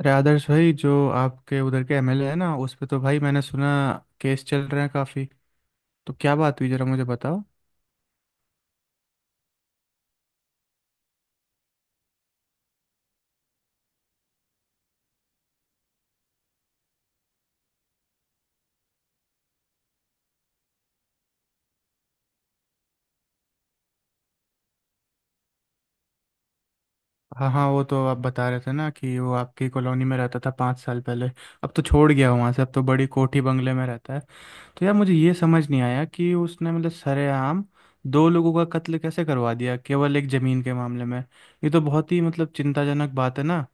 अरे आदर्श भाई, जो आपके उधर के एमएलए है ना, उस पे तो भाई मैंने सुना केस चल रहे हैं काफ़ी। तो क्या बात हुई, जरा मुझे बताओ। हाँ हाँ, वो तो आप बता रहे थे ना कि वो आपकी कॉलोनी में रहता था 5 साल पहले। अब तो छोड़ गया वहाँ से, अब तो बड़ी कोठी बंगले में रहता है। तो यार मुझे ये समझ नहीं आया कि उसने मतलब सरेआम दो लोगों का कत्ल कैसे करवा दिया केवल एक ज़मीन के मामले में। ये तो बहुत ही मतलब चिंताजनक बात है ना।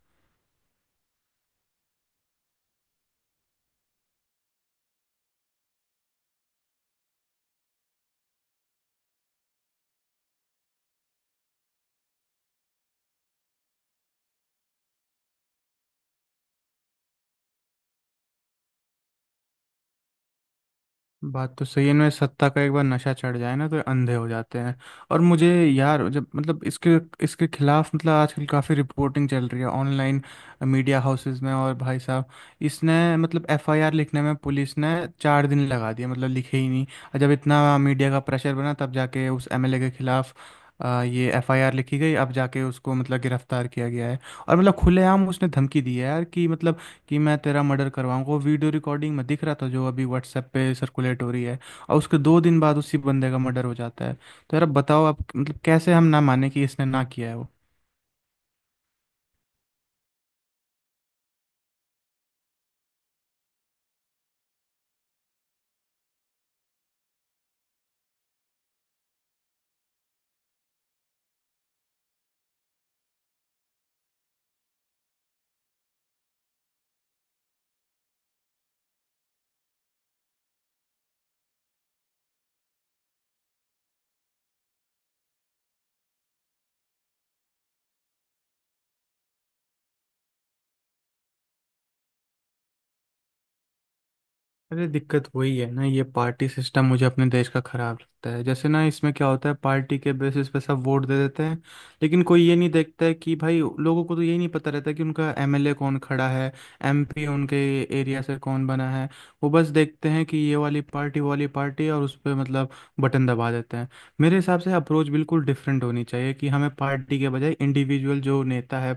बात तो सही है। इनमें सत्ता का एक बार नशा चढ़ जाए ना तो ये अंधे हो जाते हैं। और मुझे यार जब मतलब इसके इसके खिलाफ मतलब आजकल काफ़ी रिपोर्टिंग चल रही है ऑनलाइन मीडिया हाउसेस में, और भाई साहब, इसने मतलब एफआईआर लिखने में पुलिस ने 4 दिन लगा दिया, मतलब लिखे ही नहीं। और जब इतना मीडिया का प्रेशर बना तब जाके उस एमएलए के खिलाफ ये एफआईआर लिखी गई। अब जाके उसको मतलब गिरफ्तार किया गया है। और मतलब खुलेआम उसने धमकी दी है यार कि मतलब कि मैं तेरा मर्डर करवाऊँ। वो वीडियो रिकॉर्डिंग में दिख रहा था जो अभी व्हाट्सएप पे सर्कुलेट हो रही है। और उसके 2 दिन बाद उसी बंदे का मर्डर हो जाता है। तो यार अब बताओ आप, मतलब कैसे हम ना माने कि इसने ना किया है वो। अरे दिक्कत वही है ना, ये पार्टी सिस्टम मुझे अपने देश का खराब लगता है। जैसे ना इसमें क्या होता है, पार्टी के बेसिस पे सब वोट दे देते हैं। लेकिन कोई ये नहीं देखता है कि भाई, लोगों को तो ये नहीं पता रहता कि उनका एमएलए कौन खड़ा है, एमपी उनके एरिया से कौन बना है। वो बस देखते हैं कि ये वाली पार्टी, वो वाली पार्टी, और उस पर मतलब बटन दबा देते हैं। मेरे हिसाब से अप्रोच बिल्कुल डिफरेंट होनी चाहिए कि हमें पार्टी के बजाय इंडिविजुअल जो नेता है।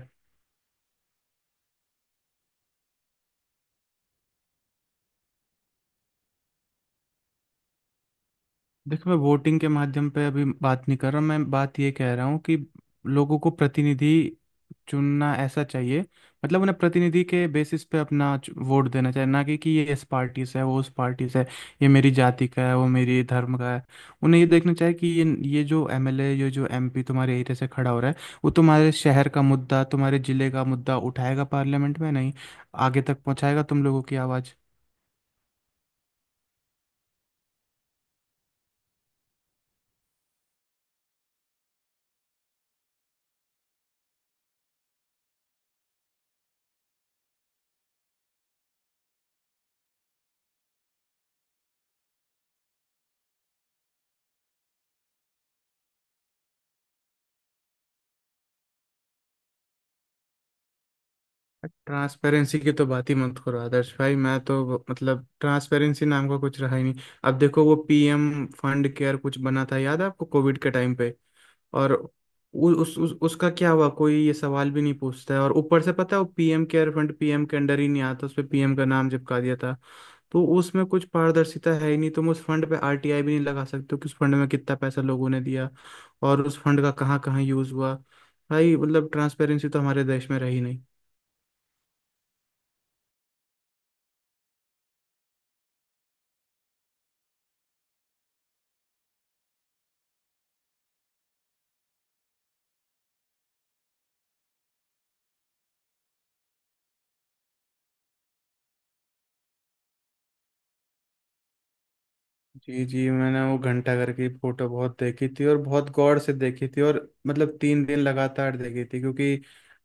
देखो, मैं वोटिंग के माध्यम पे अभी बात नहीं कर रहा। मैं बात ये कह रहा हूँ कि लोगों को प्रतिनिधि चुनना ऐसा चाहिए। मतलब उन्हें प्रतिनिधि के बेसिस पे अपना वोट देना चाहिए, ना कि ये इस पार्टी से है, वो उस पार्टी से है। ये मेरी जाति का है, वो मेरी धर्म का है। उन्हें ये देखना चाहिए कि ये जो एमएलए, ये जो एमपी तुम्हारे एरिया से खड़ा हो रहा है, वो तुम्हारे शहर का मुद्दा, तुम्हारे जिले का मुद्दा उठाएगा पार्लियामेंट में, नहीं आगे तक पहुंचाएगा तुम लोगों की आवाज़। ट्रांसपेरेंसी की तो बात ही मत करो आदर्श भाई। मैं तो मतलब ट्रांसपेरेंसी नाम का कुछ रहा ही नहीं। अब देखो, वो पीएम फंड केयर कुछ बना था, याद है आपको? कोविड के टाइम पे। और उ, उस उसका क्या हुआ, कोई ये सवाल भी नहीं पूछता है। और ऊपर से पता है वो पीएम केयर फंड पीएम के अंडर ही नहीं आता, उस पे पीएम का नाम चिपका दिया था। तो उसमें कुछ पारदर्शिता है ही नहीं। तुम उस फंड पे आरटीआई भी नहीं लगा सकते हो कि उस फंड में कितना पैसा लोगों ने दिया और उस फंड का कहाँ कहाँ यूज हुआ। भाई मतलब ट्रांसपेरेंसी तो हमारे देश में रही नहीं। जी जी, मैंने वो घंटा घर की फोटो बहुत देखी थी और बहुत गौर से देखी थी, और मतलब 3 दिन लगातार देखी थी क्योंकि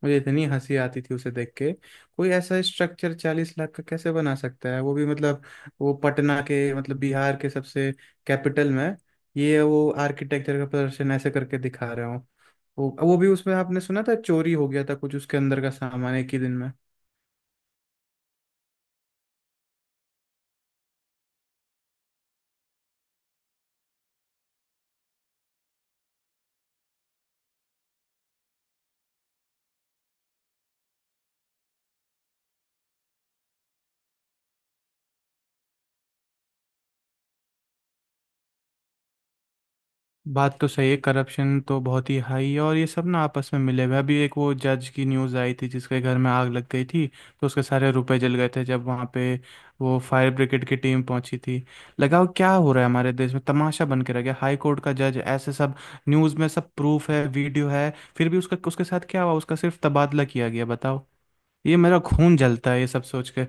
मुझे इतनी हंसी आती थी उसे देख के। कोई ऐसा स्ट्रक्चर 40 लाख का कैसे बना सकता है, वो भी मतलब वो पटना के, मतलब बिहार के सबसे कैपिटल में। ये वो आर्किटेक्चर का प्रदर्शन ऐसे करके दिखा रहे हो। वो भी उसमें आपने सुना था चोरी हो गया था कुछ उसके अंदर का सामान एक ही दिन। बात तो सही है। करप्शन तो बहुत ही हाई है, और ये सब ना आपस में मिले हुए हैं। अभी एक वो जज की न्यूज़ आई थी जिसके घर में आग लग गई थी तो उसके सारे रुपए जल गए थे, जब वहाँ पे वो फायर ब्रिगेड की टीम पहुंची थी। लगाओ क्या हो रहा है हमारे देश में, तमाशा बन के रह गया। हाई कोर्ट का जज ऐसे सब। न्यूज़ में सब प्रूफ है, वीडियो है। फिर भी उसका उसके साथ क्या हुआ, उसका सिर्फ तबादला किया गया। बताओ। ये मेरा खून जलता है ये सब सोच के।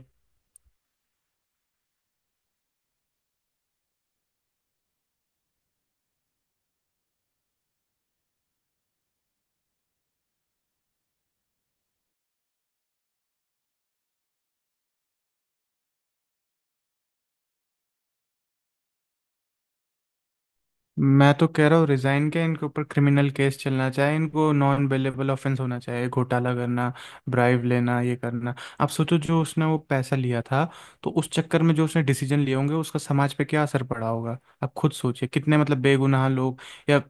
मैं तो कह रहा हूँ, रिजाइन के इनके ऊपर क्रिमिनल केस चलना चाहिए, इनको नॉन बेलेबल ऑफेंस होना चाहिए। घोटाला करना, ब्राइब लेना, ये करना। आप सोचो जो उसने वो पैसा लिया था, तो उस चक्कर में जो उसने डिसीजन लिए होंगे उसका समाज पे क्या असर पड़ा होगा, आप खुद सोचिए, कितने मतलब बेगुनाह लोग। या।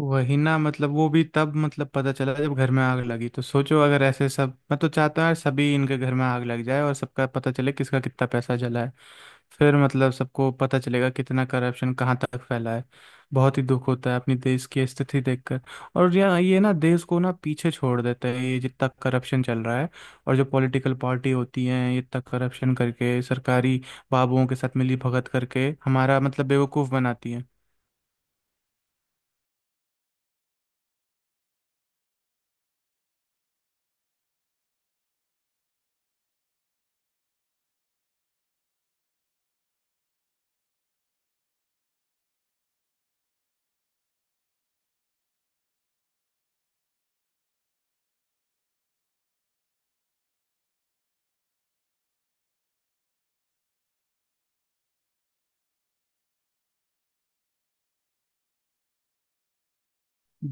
वही ना, मतलब वो भी तब मतलब पता चला जब घर में आग लगी। तो सोचो अगर ऐसे सब, मैं तो चाहता हूँ यार सभी इनके घर में आग लग जाए और सबका पता चले किसका कितना पैसा जला है। फिर मतलब सबको पता चलेगा कितना करप्शन कहाँ तक फैला है। बहुत ही दुख होता है अपनी देश की स्थिति देखकर। और यार ये ना देश को ना पीछे छोड़ देता है, ये जितना करप्शन चल रहा है। और जो पॉलिटिकल पार्टी होती हैं ये इतना करप्शन करके सरकारी बाबुओं के साथ मिली भगत करके हमारा मतलब बेवकूफ़ बनाती हैं।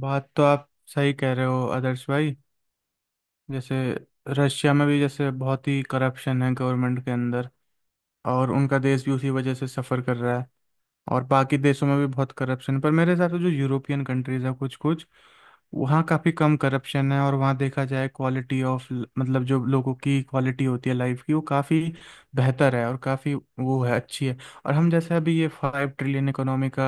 बात तो आप सही कह रहे हो आदर्श भाई। जैसे रशिया में भी, जैसे, बहुत ही करप्शन है गवर्नमेंट के अंदर। और उनका देश भी उसी वजह से सफ़र कर रहा है। और बाकी देशों में भी बहुत करप्शन। पर मेरे हिसाब से जो यूरोपियन कंट्रीज है, कुछ कुछ वहाँ काफ़ी कम करप्शन है। और वहाँ देखा जाए क्वालिटी ऑफ, मतलब जो लोगों की क्वालिटी होती है लाइफ की, वो काफ़ी बेहतर है, और काफ़ी वो है, अच्छी है। और हम जैसे अभी ये 5 ट्रिलियन इकोनॉमी का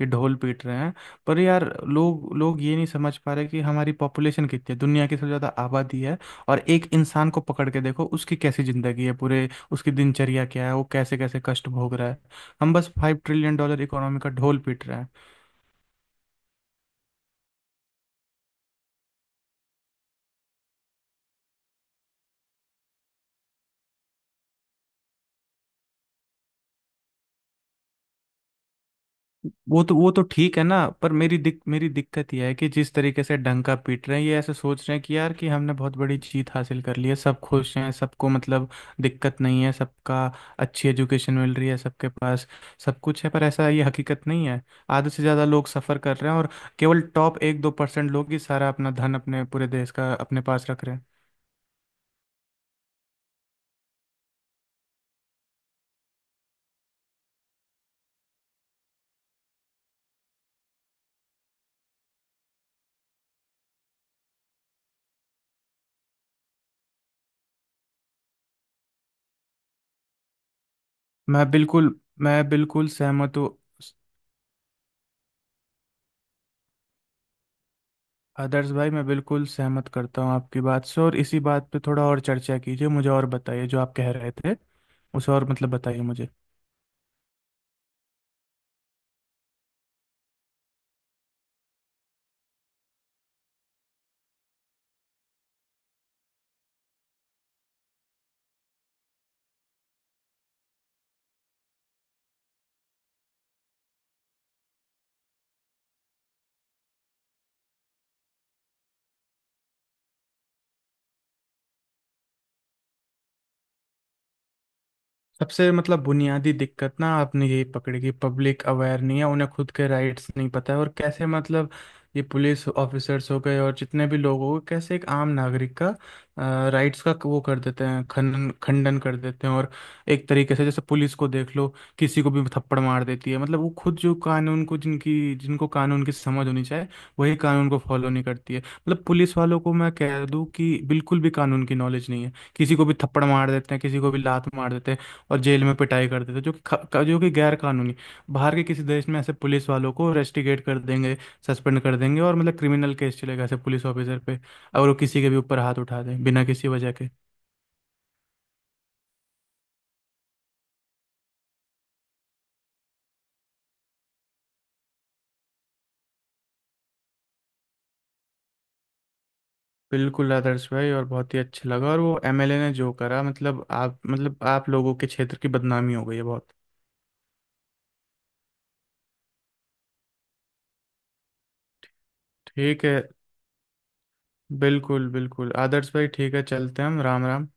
ये ढोल पीट रहे हैं। पर यार लोग लोग ये नहीं समझ पा रहे कि हमारी पॉपुलेशन कितनी है, दुनिया की सबसे ज़्यादा आबादी है। और एक इंसान को पकड़ के देखो उसकी कैसी ज़िंदगी है, पूरे उसकी दिनचर्या क्या है, वो कैसे कैसे कष्ट भोग रहा है। हम बस $5 ट्रिलियन इकोनॉमी का ढोल पीट रहे हैं। वो तो ठीक है ना, पर मेरी दिक्कत यह है कि जिस तरीके से डंका पीट रहे हैं ये, ऐसे सोच रहे हैं कि यार कि हमने बहुत बड़ी जीत हासिल कर ली है, सब खुश हैं, सबको मतलब दिक्कत नहीं है, सबका अच्छी एजुकेशन मिल रही है, सबके पास सब कुछ है। पर ऐसा ये हकीकत नहीं है। आधे से ज़्यादा लोग सफ़र कर रहे हैं और केवल टॉप 1-2% लोग ही सारा अपना धन अपने पूरे देश का अपने पास रख रहे हैं। मैं बिल्कुल सहमत हूँ। आदर्श भाई, मैं बिल्कुल सहमत करता हूँ आपकी बात से। और इसी बात पे थोड़ा और चर्चा कीजिए, मुझे और बताइए जो आप कह रहे थे उसे, और मतलब बताइए मुझे। सबसे मतलब बुनियादी दिक्कत ना आपने यही पकड़ी, कि पब्लिक अवेयर नहीं है, उन्हें खुद के राइट्स नहीं पता है। और कैसे मतलब ये पुलिस ऑफिसर्स हो गए और जितने भी लोग हो गए, कैसे एक आम नागरिक का राइट्स का वो कर देते हैं खंडन, खंडन कर देते हैं। और एक तरीके से जैसे पुलिस को देख लो, किसी को भी थप्पड़ मार देती है, मतलब वो खुद जो कानून को, जिनकी जिनको कानून की समझ होनी चाहिए, वही कानून को फॉलो नहीं करती है। मतलब पुलिस वालों को मैं कह दूं कि बिल्कुल भी कानून की नॉलेज नहीं है। किसी को भी थप्पड़ मार देते हैं, किसी को भी लात मार देते हैं, और जेल में पिटाई कर देते जो कि जो कि गैर कानूनी। बाहर के किसी देश में ऐसे पुलिस वालों को रेस्टिकेट कर देंगे, सस्पेंड कर देंगे, और मतलब क्रिमिनल केस चलेगा ऐसे पुलिस ऑफिसर पे अगर वो किसी के भी ऊपर हाथ उठा दें बिना किसी वजह के। बिल्कुल आदर्श भाई, और बहुत ही अच्छा लगा। और वो एमएलए ने जो करा, मतलब आप लोगों के क्षेत्र की बदनामी हो गई है बहुत। ठीक है। बिल्कुल बिल्कुल आदर्श भाई, ठीक है, चलते हैं हम। राम राम।